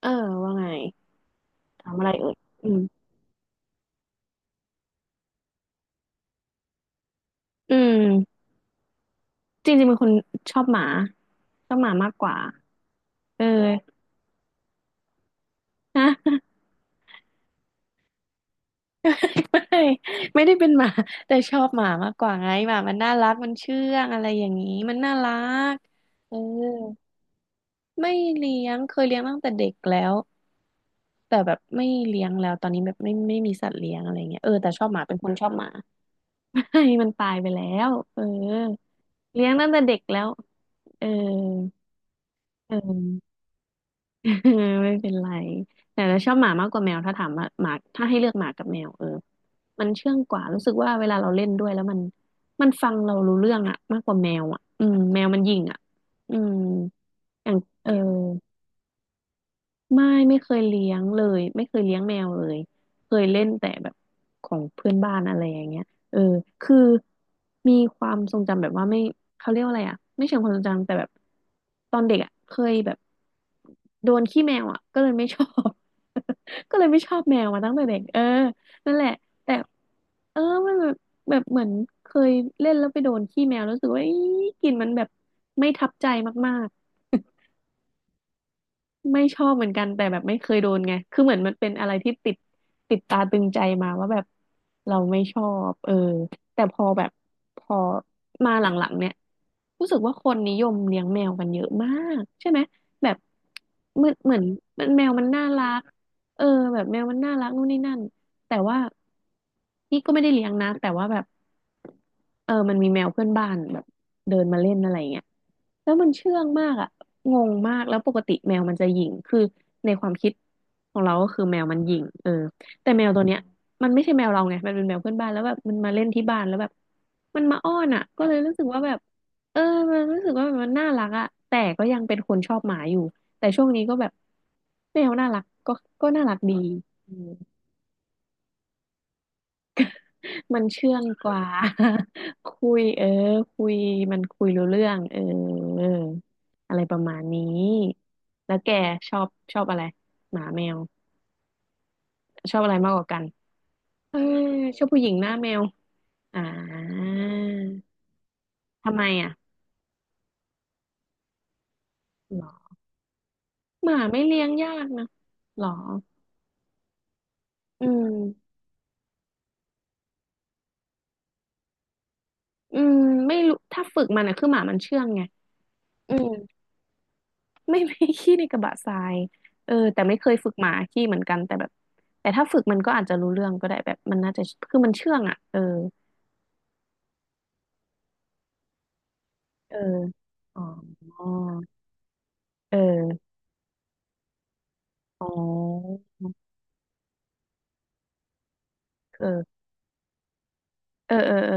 เออว่าไงถามอะไรเอ่ยอืมอืมจริงๆเป็นคนชอบหมาชอบหมามากกว่าเออนะ ไม่ไม่ได้เป็นหมาแต่ชอบหมามากกว่าไงหมามันน่ารักมันเชื่องอะไรอย่างนี้มันน่ารักเออไม่เลี้ยงเคยเลี้ยงตั้งแต่เด็กแล้วแต่แบบไม่เลี้ยงแล้วตอนนี้แบบไม่มีสัตว์เลี้ยงอะไรเงี้ยเออแต่ชอบหมาเป็นคนชอบหมา ไม่มันตายไปแล้วเออเลี้ยงตั้งแต่เด็กแล้วเออเออ ไม่เป็นไรแต่เราชอบหมามากกว่าแมวถ้าถามว่าหมาถ้าให้เลือกหมากับแมวเออมันเชื่องกว่ารู้สึกว่าเวลาเราเล่นด้วยแล้วมันฟังเรารู้เรื่องอะมากกว่าแมวอะอืมแมวมันหยิ่งอะอืมอย่างเออ ไม่เคยเลี้ยงเลยไม่เคยเลี้ยงแมวเลยเคยเล่นแต่แบบของเพื่อนบ้านอะไรอย่างเงี้ยเออคือมีความทรงจำแบบว่าไม่เขาเรียกว่าอะไรอ่ะไม่เชิงความทรงจำแต่แบบตอนเด็กอ่ะเคยแบบโดนขี้แมวอ่ะก็เลยไม่ชอบ ก็เลยไม่ชอบแมวมาตั้งแต่เด็กเออนั่นแหละแต่เออมันแบบแบบเหมือนเคยเล่นแล้วไปโดนขี้แมวแล้วรู้สึกว่าอีกลิ่นมันแบบไม่ทับใจมาก ไม่ชอบเหมือนกันแต่แบบไม่เคยโดนไง คือเหมือนมันเป็นอะไรที่ติดตาตึงใจมาว่าแบบเราไม่ชอบเออแต่พอแบบพอมาหลังๆเนี่ยรู้สึกว่าคนนิยมเลี้ยงแมวกันเยอะมากใช่ไหมแบบเหมือนแมวมันน่ารักเออแบบแมวมันน่ารักนู่นนี่นั่นแต่ว่าพี่ก็ไม่ได้เลี้ยงนะแต่ว่าแบบเออมันมีแมวเพื่อนบ้านแบบเดินมาเล่นอะไรอย่างเงี้ยแล้วมันเชื่องมากอ่ะ งงมากแล้วปกติแมวมันจะหยิ่งคือในความคิดของเราก็คือแมวมันหยิ่งเออแต่แมวตัวเนี้ยมันไม่ใช่แมวเราไงมันเป็นแมวเพื่อนบ้านแล้วแบบมันมาเล่นที่บ้านแล้วแบบมันมาอ้อนอ่ะก็เลยรู้สึกว่าแบบเออมันรู้สึกว่ามันน่ารักอ่ะแต่ก็ยังเป็นคนชอบหมาอยู่แต่ช่วงนี้ก็แบบแมวน่ารักก็ก็น่ารักดีอืม มันเชื่องกว่า คุยเออคุยมันคุยรู้เรื่องเอออะไรประมาณนี้แล้วแกชอบอะไรหมาแมวชอบอะไรมากกว่ากันเออชอบผู้หญิงหน้าแมวอ่าทำไมอ่ะหรอหมาไม่เลี้ยงยากนะหรออืมอืมไม่รู้ถ้าฝึกมันอ่ะคือหมามันเชื่องไงอืม ไม่ ไม่ขี้ในกระบะทรายเออแต่ไม่เคยฝึกหมาขี้เหมือนกันแต่แบบแต่ถ้าฝึกมันก็อาจจะรู้เรื่องก็ได้แบบมันน่าจะคือมันเชื่องอ่ะเออเอออ๋อเอออ๋อเออเออเออเออ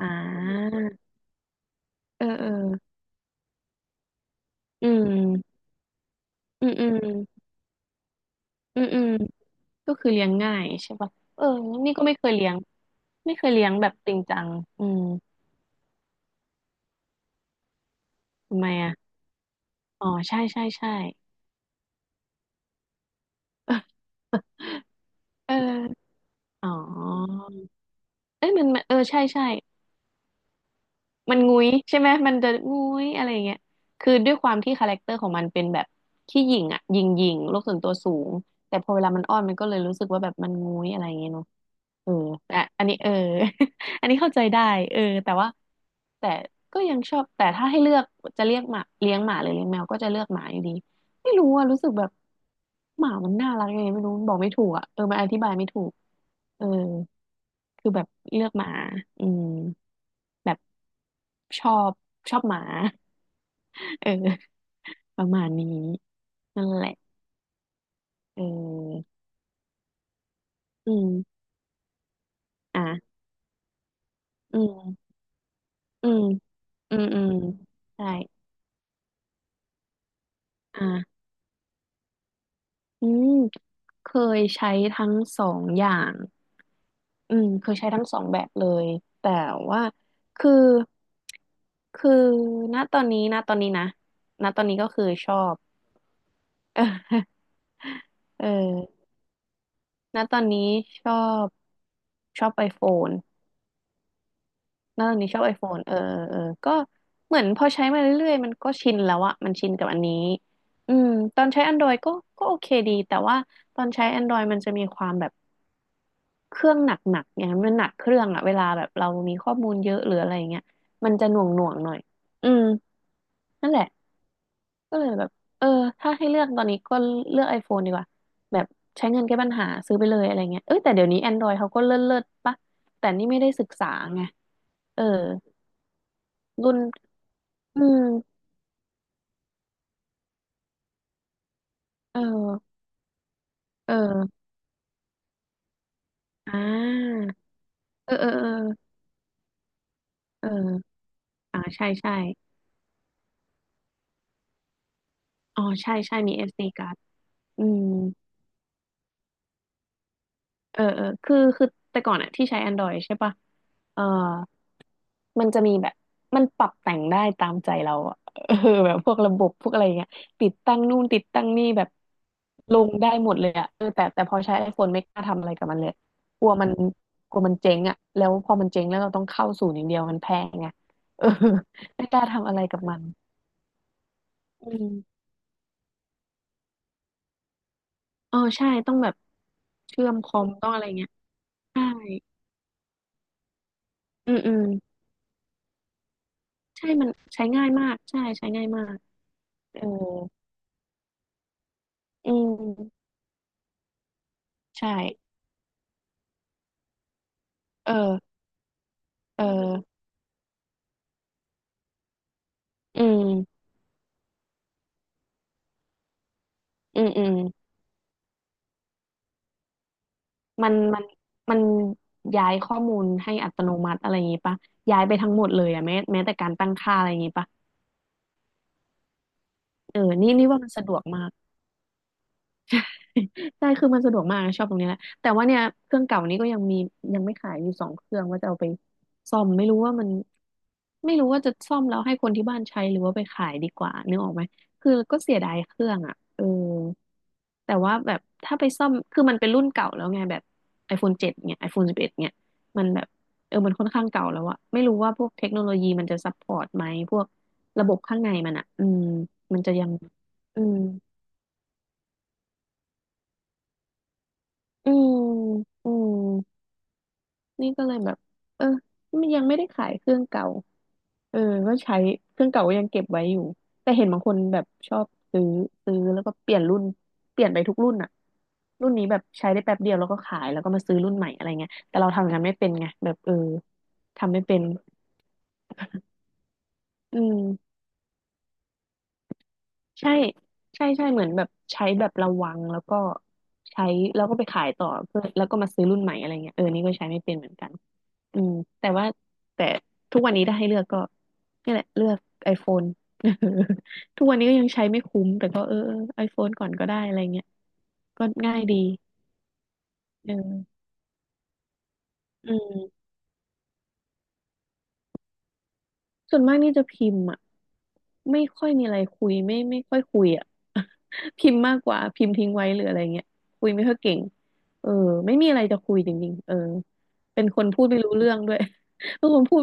อ่าเออเอออืมอืมอืมอือืมก็คือเลี้ยงง่ายใช่ปะเออนี่ก็ไม่เคยเลี้ยงไม่เคยเลี้ยงแบบจริงจังอืมทำไมอ่ะอ๋อใช่เอออ๋อเอ้ยมันเออใช่ใช่ มันงุ้ยใช่ไหมมันจะงุ้ยอะไรอย่างเงี้ยคือด้วยความที่คาแรคเตอร์ของมันเป็นแบบขี้หยิ่งอ่ะหยิ่งโลกส่วนตัวสูงแต่พอเวลามันอ้อนมันก็เลยรู้สึกว่าแบบมันงุ้ยอะไรอย่างเงี้ยเนาะเอออ่ะอันนี้เออ อันนี้เข้าใจได้เออแต่ว่าแต่ก็ยังชอบแต่ถ้าให้เลือกจะเรียกหมาเลี้ยงหมาหรือเลี้ยงแมวก็จะเลือกหมาอยู่ดีไม่รู้อะรู้สึกแบบหมามันน่ารักยังไงไม่รู้บอกไม่ถูกอะเออมันอธิบายไม่ถูกเออคือแบบเลือกหมาอืมแบบชอบชอบหมา เออประมาณนี้นั่นแหละเอออืมอ่ะอืมอืมอืมใช่อ่ะอืมเคยใช้ทั้งสองอย่างอืมเคยใช้ทั้งสองแบบเลยแต่ว่าคือคือณตอนนี้นะณตอนนี้ก็คือชอบ เออณตอนนี้ชอบชอบไอโฟน เออนี่ชอบ iPhone เออเออ ก็เหมือนพอใช้มาเรื่อยๆ มันก็ชินแล้วอะ มันชินกับอันนี้ อืมตอนใช้ Android ก็ ก็โอเคดี แต่ว่าตอนใช้ Android มันจะมีความแบบเครื่องหนักๆอย่างนั้นมันหนักเครื่องอะเวลาแบบเรามีข้อมูลเยอะหรืออะไรอย่างเงี้ยมันจะหน่วงๆหน่อย อืมนั่นแหละ ก็เลยแบบ เออถ้าให้เลือกตอนนี้ก็เลือก iPhone ดีกว่าแบบใช้เงินแก้ปัญหาซื้อไปเลยอะไรเงี้ยเอ้ยแต่เดี๋ยวนี้ Android เขาก็เลิศๆปะแต่นี่ไม่ได้ศึกษาไงเออรุ่นอืม เออเอออ่าเออเออเออเออใช่ใช่อ๋อใช่ใช่มี SD card อืมเออเออคือแต่ก่อนอะที่ใช้ Android ใช่ปะเออมันจะมีแบบมันปรับแต่งได้ตามใจเราอะ เออแบบพวกระบบพวกอะไรอย่างเงี้ยติดตั้งนู่นติดตั้งนี่แบบลงได้หมดเลยอะเออแต่พอใช้ iPhone ไม่กล้าทำอะไรกับมันเลยกลัวมันกลัวมันเจ๊งอะแล้วพอมันเจ๊งแล้วเราต้องเข้าศูนย์อย่างเดียวมันแพงไง เออไม่กล้าทำอะไรกับมัน อืมอ๋อใช่ต้องแบบเชื่อมคอมต้องอะไรเงี้ยใช่อืมอืมใช่มันใช้ง่ายมากใช่ใช้ง่ายมากเอออืมใช่เออเอออืมอืมอืมมันมันมันย้ายข้อมูลให้อัตโนมัติอะไรอย่างงี้ปะย้ายไปทั้งหมดเลยอะแม้แต่การตั้งค่าอะไรอย่างงี้ปะเออนี่ว่ามันสะดวกมาก ใช่คือมันสะดวกมากชอบตรงนี้แหละแต่ว่าเนี่ยเครื่องเก่านี้ก็ยังมียังไม่ขายอยู่สองเครื่องว่าจะเอาไปซ่อมไม่รู้ว่ามันไม่รู้ว่าจะซ่อมแล้วให้คนที่บ้านใช้หรือว่าไปขายดีกว่านึกออกไหมคือก็เสียดายเครื่องอ่ะเออแต่ว่าแบบถ้าไปซ่อมคือมันเป็นรุ่นเก่าแล้วไงแบบ iPhone เจ็ดเนี่ย iPhone 11เอ็ดเนี่ยมันแบบเออมันค่อนข้างเก่าแล้วอะไม่รู้ว่าพวกเทคโนโลยีมันจะซัพพอร์ตไหมพวกระบบข้างในมันอะอืมมันจะยังอืมอืมอืม นี่ก็เลยแบบเออมันยังไม่ได้ขายเครื่องเก่าเออก็ใช้เครื่องเก่าก็ยังเก็บไว้อยู่แต่เห็นบางคนแบบชอบซื้อซื้อแล้วก็เปลี่ยนรุ่นเปลี่ยนไปทุกรุ่นอะรุ่นนี้แบบใช้ได้แป๊บเดียวแล้วก็ขายแล้วก็มาซื้อรุ่นใหม่อะไรเงี้ยแต่เราทำอย่างานไม่เป็นไงแบบเออทำไม่เป็นอืมใช่ใช่ใช่เหมือนแบบใช้แบบระวังแล้วก็ใช้แล้วก็ไปขายต่อเพื่อแล้วก็มาซื้อรุ่นใหม่อะไรเงี้ยเออนี่ก็ใช้ไม่เป็นเหมือนกัน อืมแต่ว่าแต่ทุกวันนี้ถ้าให้เลือกก็นี่แหละเลือก iPhone ทุกวันนี้ก็ยังใช้ไม่คุ้มแต่ก็เออไอโฟนก่อนก็ได้อะไรเงี้ยก็ง่ายดีเอออืมส่วนมากนี่จะพิมพ์อ่ะไม่ค่อยมีอะไรคุยไม่ค่อยคุยอ่ะ พิมพ์มากกว่าพิมพ์ทิ้งไว้หรืออะไรเงี้ยคุยไม่ค่อยเก่งเออไม่มีอะไรจะคุยจริงๆเออเป็นคนพูดไม่รู้เรื่องด้วย เป็นคนพูด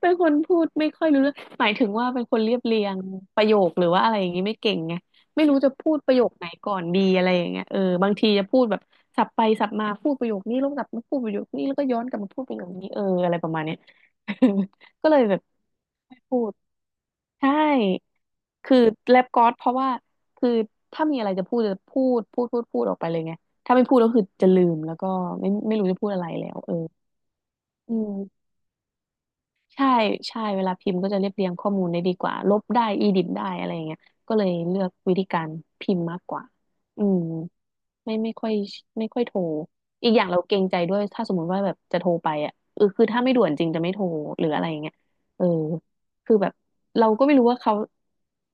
เป็นคนพูดไม่ค่อยรู้เรื่องหมายถึงว่าเป็นคนเรียบเรียงประโยคหรือว่าอะไรอย่างนี้ไม่เก่งไงไม่รู้จะพูดประโยคไหนก่อนดีอะไรอย่างเงี้ยเออบางทีจะพูดแบบสับไปสับมาพูดประโยคนี้แล้วกลับมาพูดประโยคนี้แล้วก็ย้อนกลับมาพูดประโยคนี้เอออะไรประมาณเนี้ย ก็เลยแบบไม่พูดใช่คือแลบก๊อดเพราะว่าคือถ้ามีอะไรจะพูดจะพูดออกไปเลยไงถ้าไม่พูดก็คือจะลืมแล้วก็ไม่รู้จะพูดอะไรแล้วเอออืม ใช่ใช่เวลาพิมพ์ก็จะเรียบเรียงข้อมูลได้ดีกว่าลบได้อีดิทได้อะไรอย่างเงี้ยก็เลยเลือกวิธีการพิมพ์มากกว่าอืมไม่ค่อยไม่ค่อยโทรอีกอย่างเราเกรงใจด้วยถ้าสมมุติว่าแบบจะโทรไปอ่ะเออคือถ้าไม่ด่วนจริงจะไม่โทรหรืออะไรอย่างเงี้ยเออคือแบบเราก็ไม่รู้ว่าเขา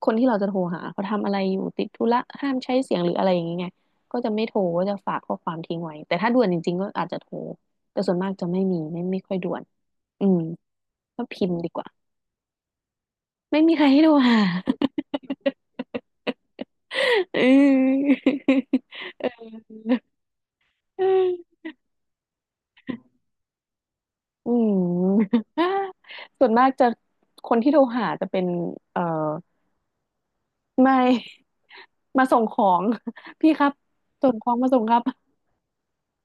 คนที่เราจะโทรหาเขาทำอะไรอยู่ติดธุระห้ามใช้เสียงหรืออะไรอย่างเงี้ยไงก็จะไม่โทรก็จะฝากข้อความทิ้งไว้แต่ถ้าด่วนจริงๆก็อาจจะโทรแต่ส่วนมากจะไม่มีไม่ค่อยด่วนอืม ก็พิมพ์ดีกว่าไม่มีใครให้โทรหา เออเอออืม ส่วนมากจะคนที่โทรหาจะเป็นเอ่อไม่ มาส่งของ พี่ครับส่งของมาส่งครับ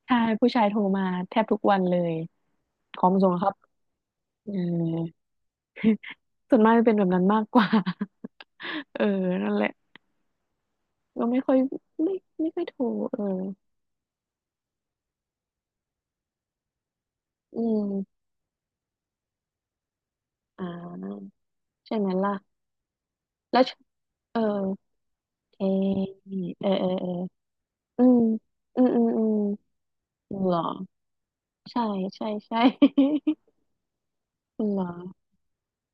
ใช่ผู้ชายโทรมาแทบทุกวันเลยของมาส่งครับเออ ส่วนมากจะเป็นแบบนั้นมากกว่า เออนั่นแหละก็ไม่ค่อยไม่ไม่ค่อยโทรเอออืมอ่าใช่ไหมล่ะ แล้วชเออโอเคเออเออเอออืมอืมอืมอืมเหรอใช่ใช่ใช่ เหรอ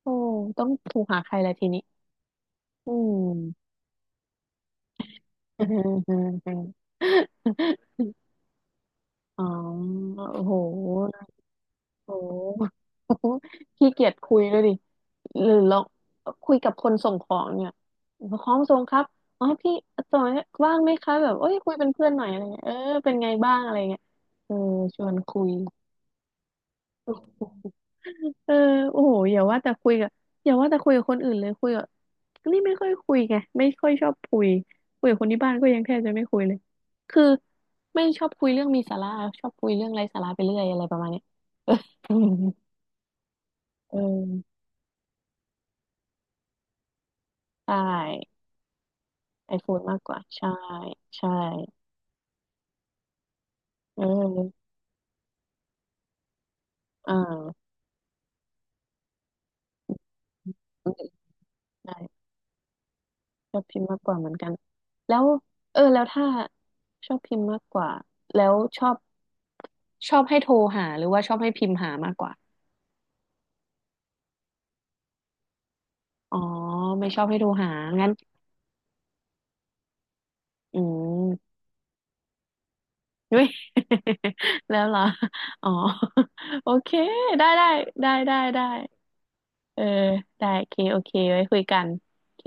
โอ้ต้องโทรหาใครละทีนี้อืม อ๋อโอ้โหโอ้โหขี้เกียจคุยเลยดิหรือลองคุยกับคนส่งของเนี่ยของส่งครับอ๋อพี่ส่ง้ว่างไหมคะแบบเอ้ยคุยเป็นเพื่อนหน่อยอะไรเงี้ยเออเป็นไงบ้างอะไรเงี้ยเออชวนคุย เออโอ้โหอย่าว่าแต่คุยกับอย่าว่าแต่คุยกับคนอื่นเลยคุยกับนี่ไม่ค่อยคุยไงไม่ค่อยชอบคุยคุยกับคนที่บ้านก็ยังแทบจะไม่คุยเลยคือไม่ชอบคุยเรื่องมีสาระชอบคุยเรื่องไร้สาระไปเรื่อยอะไรประมาณเนี้ย อืมเออใช่ไอโฟนมากกว่าใช่ใช่เอออ่าอืมใช่ชอบพิมพ์มากกว่าเหมือนกันแล้วเออแล้วถ้าชอบพิมพ์มากกว่าแล้วชอบชอบให้โทรหาหรือว่าชอบให้พิมพ์หามากกว่า อ๋อไม่ชอบให้ดูหางงั้นอืมด้วย แล้วเหรออ๋อ โอเคได้ได้ได้เออได้โอเคโอเคไว้คุยกันโอเค